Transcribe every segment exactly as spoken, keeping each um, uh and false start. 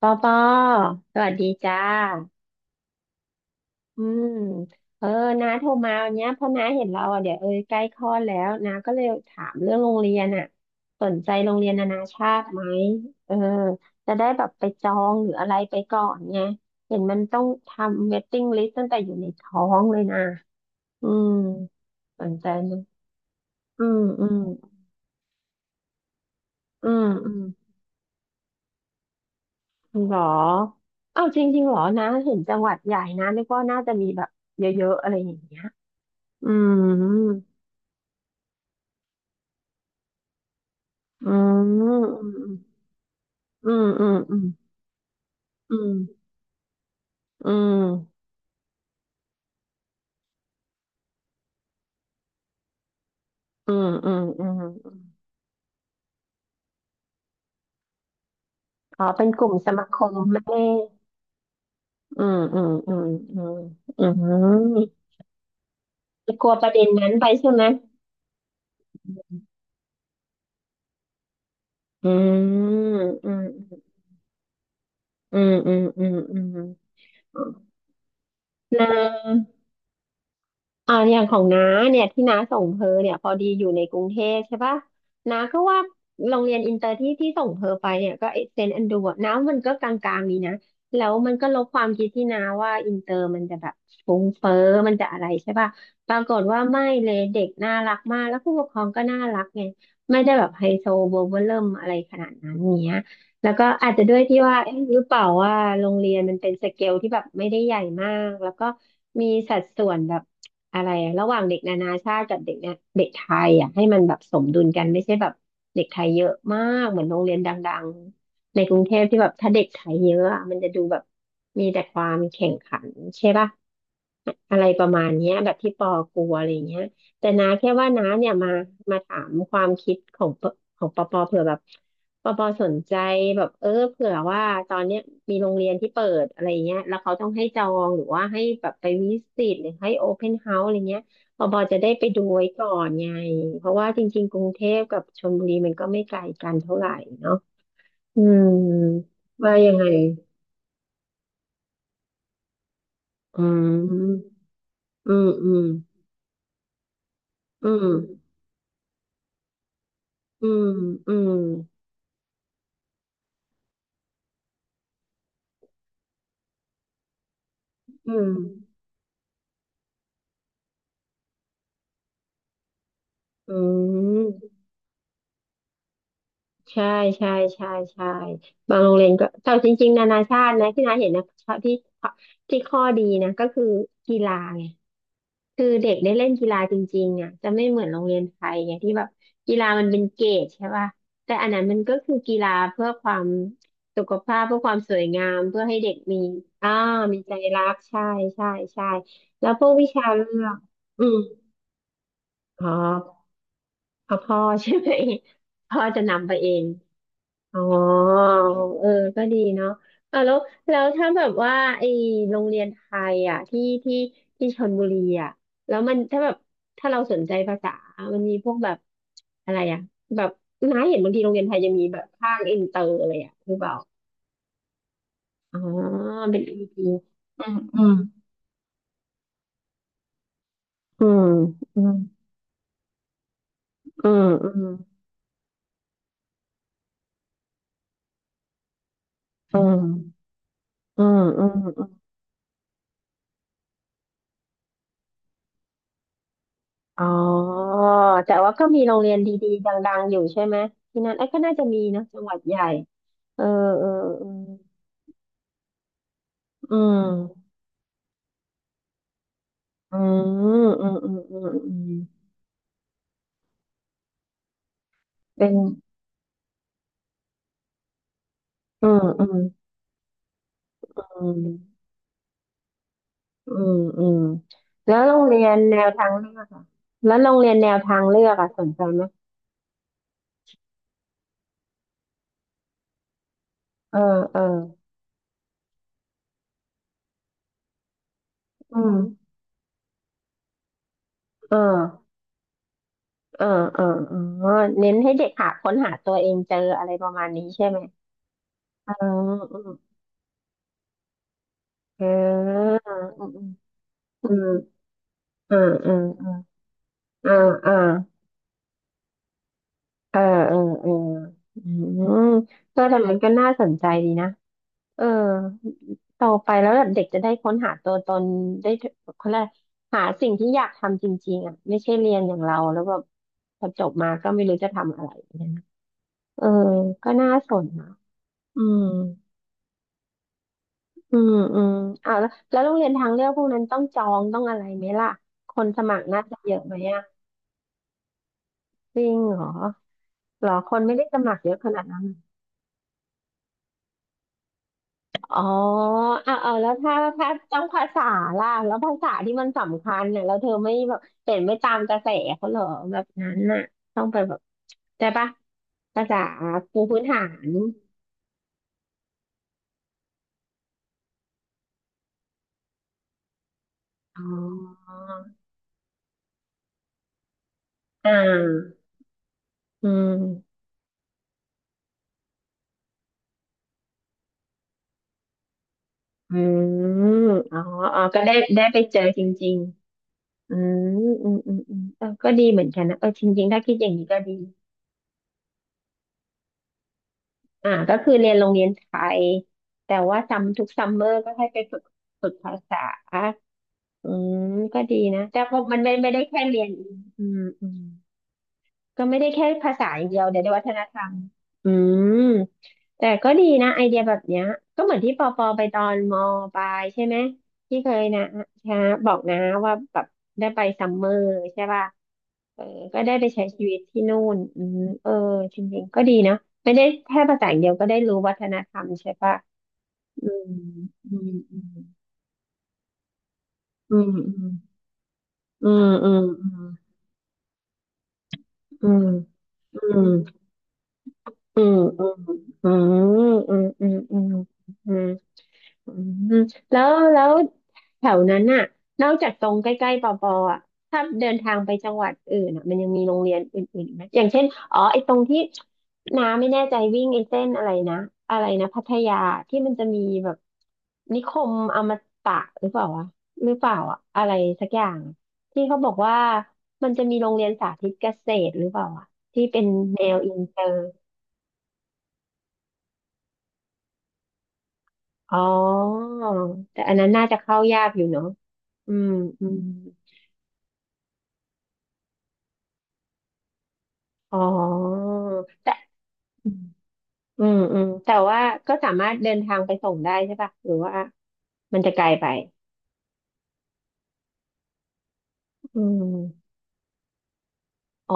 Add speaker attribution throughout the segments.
Speaker 1: ปอปอสวัสดีจ้าอืมเออน้าโทรมาวันเนี้ย เพราะน้าเห็นเราอ่ะเดี๋ยวเออใกล้คลอดแล้วน้าก็เลยถามเรื่องโรงเรียนอ่ะสนใจโรงเรียนนานาชาติไหมเออจะได้แบบไปจองหรืออะไรไปก่อนไงเห็นมันต้องทำเว i ติ้งลิสต์ตั้งแต่อยู่ในท้องเลยนะ อืมสนใจไหมอืมอืม อืมอืมหรอ เอ้าจริงๆหรอนะเห็นจังหวัดใหญ่นะนึกว่าน่าจะมีแบบเยอะๆอะไรอย่างเงี้ย อืมอืมอืมอืมอืมอืมอืมอืมอืมอืมอ๋อเป็นกลุ่มสมาคมไม่ได้อืมอืมอืมอืมอืมจะกลัวประเด็นนั้นไปใช่ไหมอืมอืมอืมอืมอืมอืมอืมนะ อ่าอย่างของน้าเนี่ยที่น้าส่งเธอเนี่ยพอดีอยู่ในกรุงเทพใช่ปะน้าก็ว่าโรงเรียนอินเตอร์ที่ที่ส่งเธอไปเนี่ยก็เซนต์แอนดรูว์น้ามันก็กลางๆนี้นะแล้วมันก็ลบความคิดที่น้าว่าอินเตอร์มันจะแบบฟุ้งเฟ้อมันจะอะไรใช่ปะปรากฏว่าไม่เลยเด็กน่ารักมากแล้วผู้ปกครองก็น่ารักไงไม่ได้แบบไฮโซโบว์เวอร์เริ่มอะไรขนาดนั้นเนี้ย แล้วก็อาจจะด้วยที่ว่าเอ๊ะหรือเปล่าว่าโรงเรียนมันเป็นสเกลที่แบบไม่ได้ใหญ่มากแล้วก็มีสัดส่วนแบบอะไรระหว่างเด็กนานาชาติกับเด็กเนี่ยเด็กไทยอ่ะให้มันแบบสมดุลกันไม่ใช่แบบเด็กไทยเยอะมากเหมือนโรงเรียนดังๆในกรุงเทพที่แบบถ้าเด็กไทยเยอะอะมันจะดูแบบมีแต่ความแข่งขันใช่ป่ะอะไรประมาณเนี้ยแบบที่ปอกลัวอะไรเงี้ย แต่นาแค่ว่าน้าเนี่ยมามาถามความคิดของปของปอปอเผื่อแบบปอปอสนใจแบบเออเผื่อว่าตอนเนี้ยมีโรงเรียนที่เปิดอะไรเงี้ยแล้วเขาต้องให้จองหรือว่าให้แบบไปวิสิตหรือให้โอเพนเฮาส์อะไรเงี้ยปอปอจะได้ไปดูไว้ก่อนไงเพราะว่าจริงๆกรุงเทพกับชลบุรีมันก็ไม่ไกลกันเท่าไหร่เนาะอืมว่ายังไงอืมอืมอืมอืมอืมอืมอืมอืม ใช่ใช่ใช่ใช่บางโรงเรียนก็แต่จริงๆนานาชาตินะที่น้าเห็นนะที่ที่ข้อดีนะก็คือกีฬาไงคือเด็กได้เล่นกีฬาจริงๆอ่ะจะไม่เหมือนโรงเรียนไทยไงที่แบบกีฬามันเป็นเกรดใช่ป่ะแต่อันนั้นมันก็คือกีฬาเพื่อความสุขภาพเพื่อความสวยงามเพื่อให้เด็กมีอ่ามีใจรักใช่ใช่ใช่แล้วพวกวิชาเลือกอืมอ๋อพอพ่อใช่ไหม พ่อจะนำไปเอง อ๋อเออ ก็ดีเนาะอ่ะแล้วแล้วถ้าแบบว่าไอ้โรงเรียนไทยอ่ะที่ที่ที่ชลบุรีอ่ะ แล้วมันถ้าแบบ ถ้าเราสนใจภาษา มันมีพวกแบบอะไรอ่ะแบบน้าเห็นบางทีโรงเรียนไทยจะมีแบบภาคอินเตอร์อะไรอ่ะหรือเปล่าอ๋อเป็นอีพีอืม อืม อืมอืมอืมอืมอืมอืมอืม อ๋อแต่ว่าก็มีโรงเรียนดีๆดังๆอยู่ใช่ไหมที่นั่นไอ้ยก็น่าจะมีนะจังหวัดใหญ่เออเออเอออืมอืมอืมอืมอืมอืมเป็นอืมอืมอืมอืมอืมแล้วโรงเรียนแนวทางเลือกอะแล้วโรงเรียนแนวทางเลือกอะสนใจไหมเออเอออืมเออเออเออเออเน้นให้เด็กหาค้นหาตัวเองเจออะไรประมาณนี้ใช่ไหมเออเออเอออืมอืม เออเออเออเออเออเออเออเอออืมเออแต่มันก็น่าสนใจดีนะเออโตไปแล้วแบบเด็กจะได้ค้นหาตัวตนได้เขาเรียกอะไรหาสิ่งที่อยากทำจริงๆอ่ะไม่ใช่เรียนอย่างเราแล้วแบบพอจบมาก็ไม่รู้จะทำอะไรเนี่ยนะเออก็น่าสนนะอืมอืมอืมอ้าวแล้วแล้วโรงเรียนทางเลือกพวกนั้นต้องจองต้องอะไรไหมล่ะคนสมัครน่าจะเยอะไหมอ่ะจริงเหรอหรอคนไม่ได้สมัครเยอะขนาดนั้น อ๋ออ่ะเอาแล้วถ้าถ้าต้องภาษาล่ะแล้วภาษาที่มันสำคัญเนี่ยแล้วเธอไม่แบบเปลี่ยนไม่ตามกระแสเขาเหรอแบบนั้นน่ะต้องไปแบบใช้ปะภาษาปูพื้นฐานอ๋ออ่าอืมอืมอ๋ออ๋อก็ได้ได้ไปเจอจริงๆอืมอืมอืมอืมเออก็ดีเหมือนกันนะเออจริงๆถ้าคิดอย่างนี้ก็ดี อ่าก็คือเรียนโรงเรียนไทยแต่ว่าซัมทุกซัมเมอร์ก็ให้ไปฝึกฝึกภาษาอืมก็ดีนะแต่พอมันไม่ไม่ได้แค่เรียนอืมอืม ก็ไม่ได้แค่ภาษาอย่างเดียวเดี๋ยวได้วัฒนธรรม อืม แต่ก็ดีนะไอเดียแบบเนี้ยก็เหมือนที่ปอปอไปตอนมปลายใช่ไหมที่เคยนะนะบอกนะว่าแบบได้ไปซัมเมอร์ใช่ป่ะเออก็ได้ไปใช้ชีวิตที่นู่นอืมเออจริงๆก็ดีเนาะไม่ได้แค่ภาษาอย่างเดียวก็ได้รู้วัฒนธรรมใช่ป่ะอืมอืมอืมอืมอืมอืมอืมอืมอืม อืมอืมอืมอืมอืมอืมอืมอืมแล้วแล้วแถวนั้นน่ะนอกจากตรงใกล้ๆปอปออ่ะถ้าเดินทางไปจังหวัดอื่นอ่ะมันยังมีโรงเรียนอื่นๆอีกไหมอย่างเช่นอ๋อไอ้ตรงที่น้าไม่แน่ใจวิ่งไอ้เส้นอะไรนะอะไรนะพัทยาที่มันจะมีแบบนิคมอมตะหรือเปล่าวะหรือเปล่าอ่ะอะไรสักอย่างที่เขาบอกว่ามันจะมีโรงเรียนสาธิตเกษตรหรือเปล่าอ่ะที่เป็นแนวอินเตอร์ อ๋อแต่อันนั้นน่าจะเข้ายากอยู่เนาะอืมอืมอ๋อแต่อืมอืมแต่ว่าก็สามารถเดินทางไปส่งได้ใช่ปะหรือว่ามันจะไกลไปอืมอ๋อ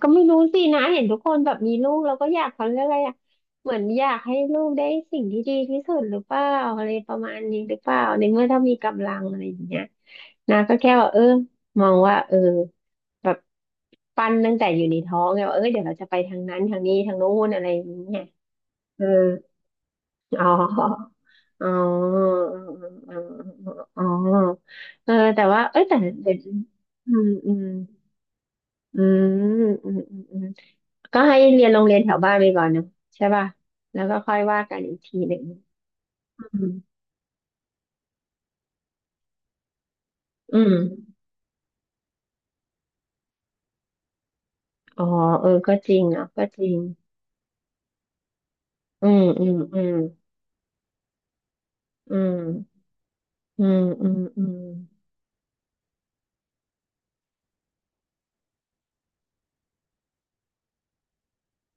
Speaker 1: ก็ไม่รู้สินะเห็นทุกคนแบบมีลูกแล้วก็อยากเขาเรียกอะไรอะเหมือนอยากให้ลูกได้สิ่งที่ดีที่สุดหรือเปล่าอะไรประมาณนี้หรือเปล่าในเมื่อถ้ามีกำลังอะไรอย่างเงี้ยนะก็แค่ว่าเออมองว่าเออแบบ ปั้นตั้งแต่อยู่ในท้องไงว่าเออเดี๋ยวเราจะไปทางนั้นทางนี้ทางโน้นอะไรอย่างเงี้ยเอออ๋ออ๋ออ๋ออ๋อเออแต่ว่า เอยแต่เด็กอืมอืมอืมอืมอืมก็ให้เรียนโรงเรียนแถวบ้านไปก่อนเนาะใช่ป่ะแล้วก็ค่อยว่ากันอีกทีหนึ่งอืมอืมอ๋อเออก็จริงเนาะก็จริงอือืมอืมอืมอืมอืมอืม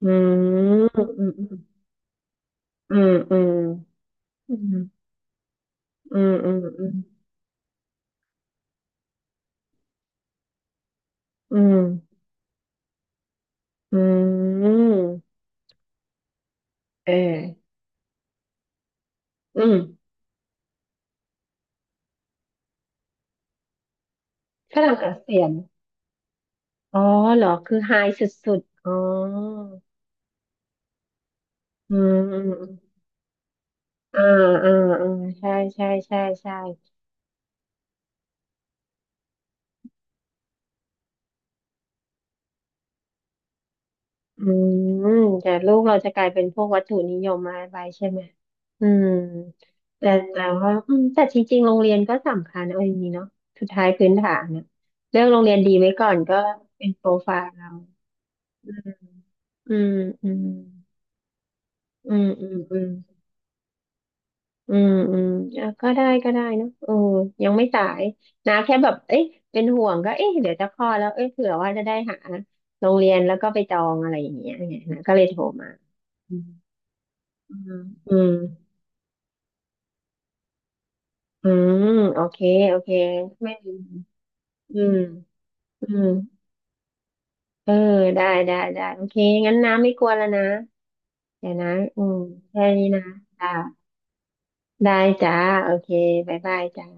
Speaker 1: อืมอืมอืมอืมอืม อืมอืมอืมอืมอืมอืมเอออืมฝรั่งอาเซียนอ๋อเหรอคือไฮสุดๆอ๋ออืมอืมอืมอ่า อ่าอ่าใช่ใช่ใช่ใช่อืมแต่ลูกเราจะกลายเป็นพวกวัตถุนิยมมาไปใช่ไหมอืมแต่แต่ว่าอืมแต่จริงๆโรงเรียนก็สำคัญเอาอย่างนี้เนาะสุดท้ายพื้นฐานเนี่ยเลือกโรงเรียนดีไว้ก่อนก็เป็นโปรไฟล์เราอืมอืมอืม อืมอืมอืมอืมอืมอ่ะก็ได้ก็ได้เนอะเออยังไม่สายนะแค่แบบเอ๊ะเป็นห่วงก็เอ๊ะเดี๋ยวจะคลอดแล้วเอ๊ะเผื่อว่าจะได้หาโรงเรียนแล้วก็ไปจองอะไรอย่างเงี้ยไงนะก็เลยโทรมาอืมอืมอืมอืมโอเคโอเคไม่มีอืมอืมเออได้ได้ได้โอเคงั้นน้ำไม่กลัวแล้วนะเดี๋ยวนะอืมแค่นี้นะจ้าได้จ้าโอเคบ๊ายบายจ้า